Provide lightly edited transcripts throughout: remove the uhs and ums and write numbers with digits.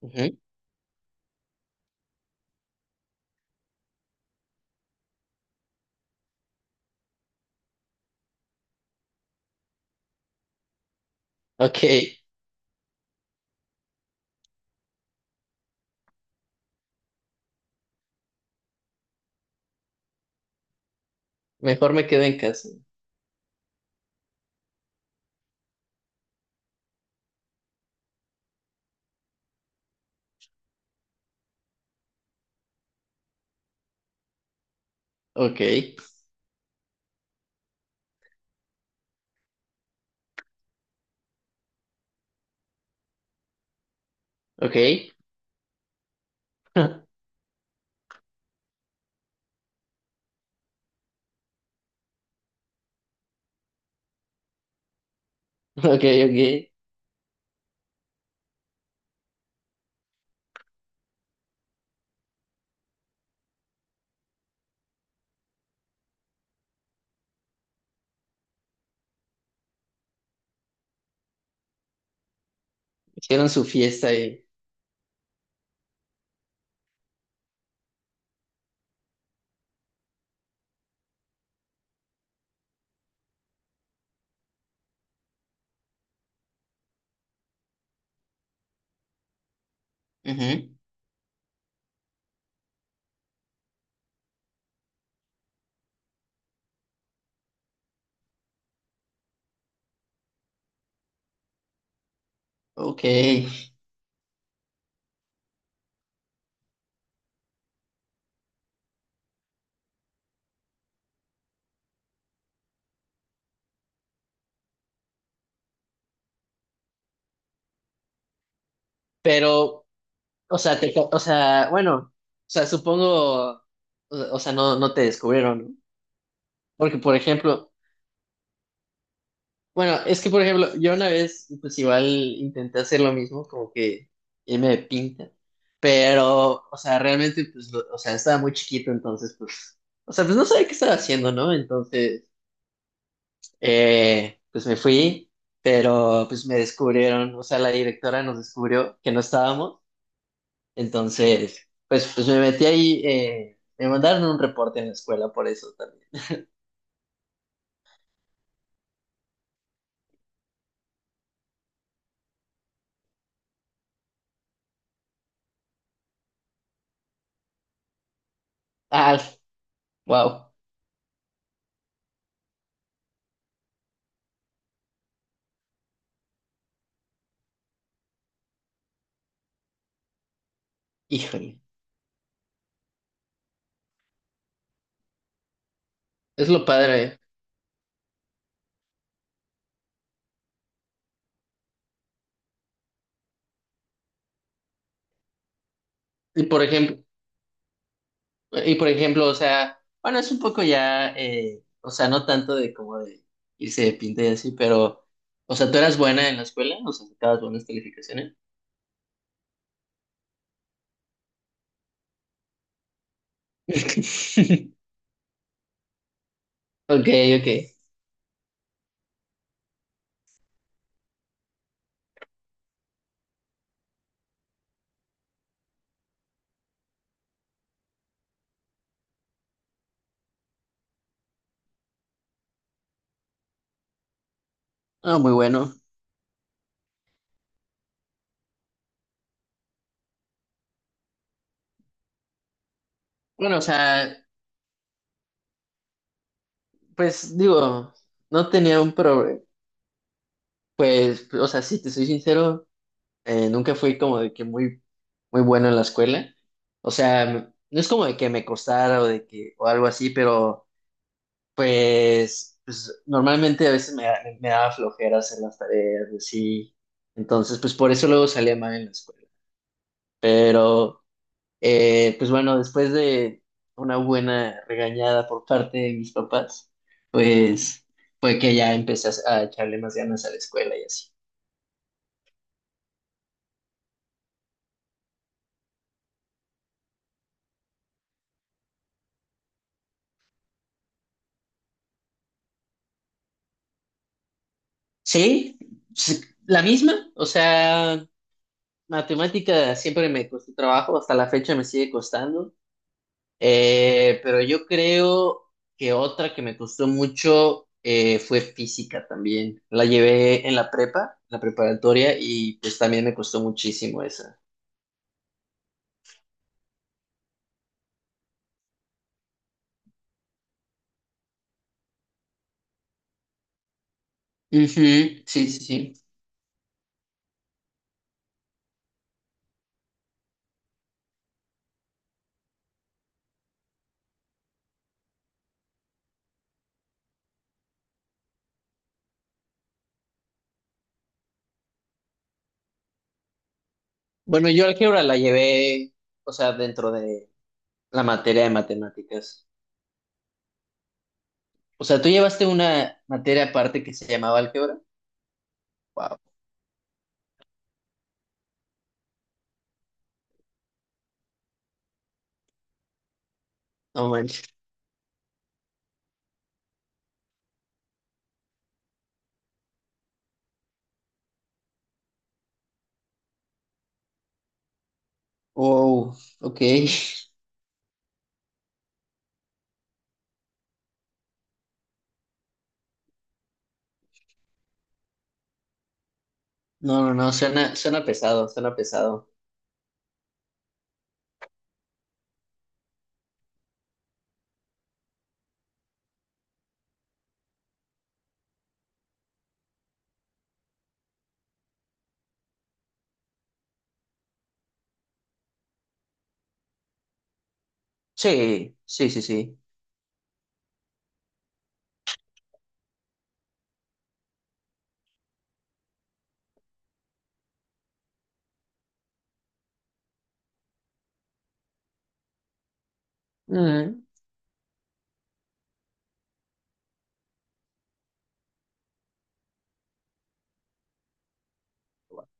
Ujú. Ok, mejor me quedo en casa. Ok, ok, ok, ok. Hicieron su fiesta ahí. Ujú. Ok, pero, o sea, o sea, bueno, o sea, supongo, o sea, no, no te descubrieron, ¿no? Porque, por ejemplo, bueno, es que, por ejemplo, yo una vez, pues igual intenté hacer lo mismo, como que irme de pinta, pero, o sea, realmente, pues, o sea, estaba muy chiquito, entonces, pues, o sea, pues no sabía qué estaba haciendo, ¿no? Entonces. Pues me fui, pero pues me descubrieron, o sea, la directora nos descubrió que no estábamos, entonces, pues, pues me metí ahí, me mandaron un reporte en la escuela por eso también. Ah, wow, híjole, es lo padre. Y por ejemplo, y por ejemplo, o sea, bueno, es un poco ya, o sea, no tanto de como de irse de pinta y así, pero, o sea, ¿tú eras buena en la escuela? O sea, ¿sacabas buenas calificaciones? Ok, ok. Ah, muy bueno. Bueno, o sea, pues digo, no tenía un problema. Pues, o sea, si te soy sincero, nunca fui como de que muy, muy bueno en la escuela. O sea, no es como de que me costara o de que, o algo así, pero pues normalmente a veces me daba flojera hacer las tareas y así. Entonces, pues por eso luego salía mal en la escuela. Pero. Pues bueno, después de una buena regañada por parte de mis papás, pues fue que ya empecé a echarle más ganas a la escuela y así. Sí, sí, la misma, o sea, matemática siempre me costó trabajo, hasta la fecha me sigue costando. Pero yo creo que otra que me costó mucho fue física también. La llevé en la prepa, la preparatoria, y pues también me costó muchísimo esa. Ujú. Sí, sí, sí. Bueno, yo álgebra la llevé, o sea, dentro de la materia de matemáticas. O sea, tú llevaste una materia aparte que se llamaba álgebra. Wow, no manches. Wow, ok. No, no, no, suena pesado, suena pesado. Sí, sí, sí, sí. Mm,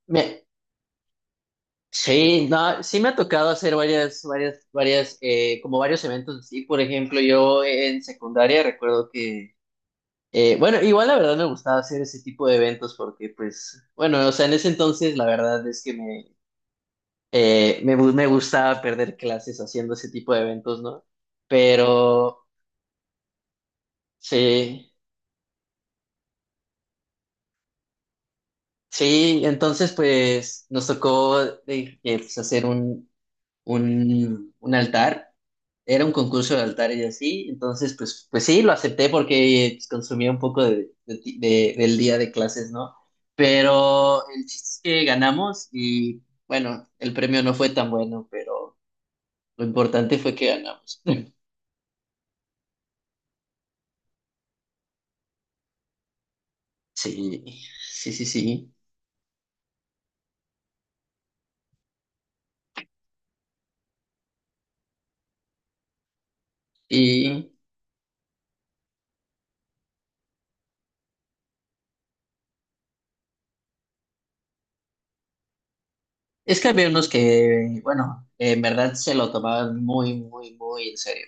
me- sí, no, sí me ha tocado hacer como varios eventos así. Por ejemplo, yo en secundaria recuerdo que. Bueno, igual la verdad me gustaba hacer ese tipo de eventos porque, pues, bueno, o sea, en ese entonces la verdad es que me gustaba perder clases haciendo ese tipo de eventos, ¿no? Pero, sí, sí, entonces, pues, nos tocó pues, hacer un altar, era un concurso de altares y así, entonces pues sí, lo acepté porque pues, consumía un poco del día de clases, ¿no? Pero el chiste es que ganamos y bueno, el premio no fue tan bueno, pero lo importante fue que ganamos. Sí, sí, sí, sí. Y es que había unos que, bueno, en verdad se lo tomaban muy, muy, muy en serio.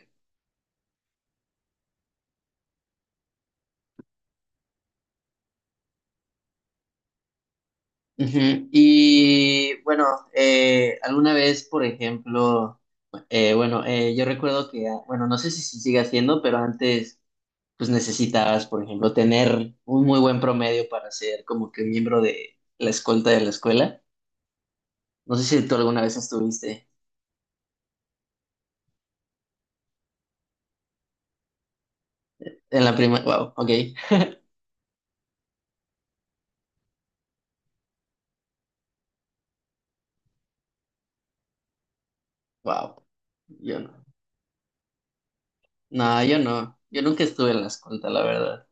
Ujú. Y bueno, alguna vez, por ejemplo. Bueno, yo recuerdo que, ah, bueno, no sé si se sigue haciendo, pero antes, pues necesitabas, por ejemplo, tener un muy buen promedio para ser como que miembro de la escolta de la escuela. No sé si tú alguna vez estuviste en la prima. Wow, ok, wow, yo no. No, yo no, yo nunca estuve en la escolta, la verdad.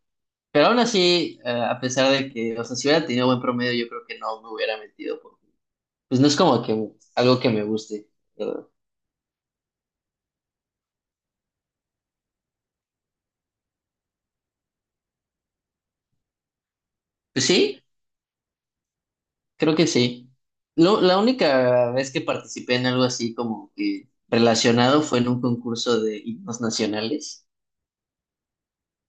Pero aún así, a pesar de que, o sea, si hubiera tenido buen promedio, yo creo que no me hubiera metido, porque, pues no es como que algo que me guste, ¿verdad? Pues sí. Creo que sí. La única vez que participé en algo así como que relacionado fue en un concurso de himnos nacionales,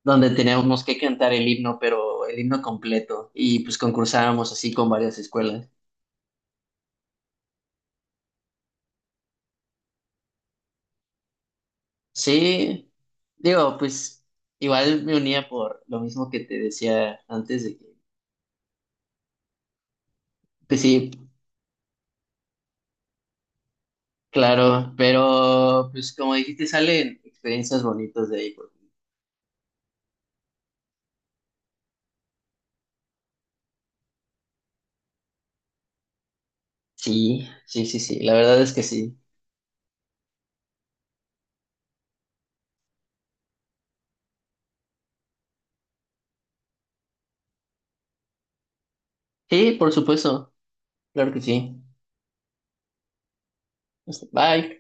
donde teníamos que cantar el himno, pero el himno completo, y pues concursábamos así con varias escuelas. Sí, digo, pues igual me unía por lo mismo que te decía antes de que, pues sí, claro, pero pues como dijiste, salen experiencias bonitas de ahí. Sí, sí, sí, sí, la verdad es que sí. Sí, por supuesto, claro que sí. Bye.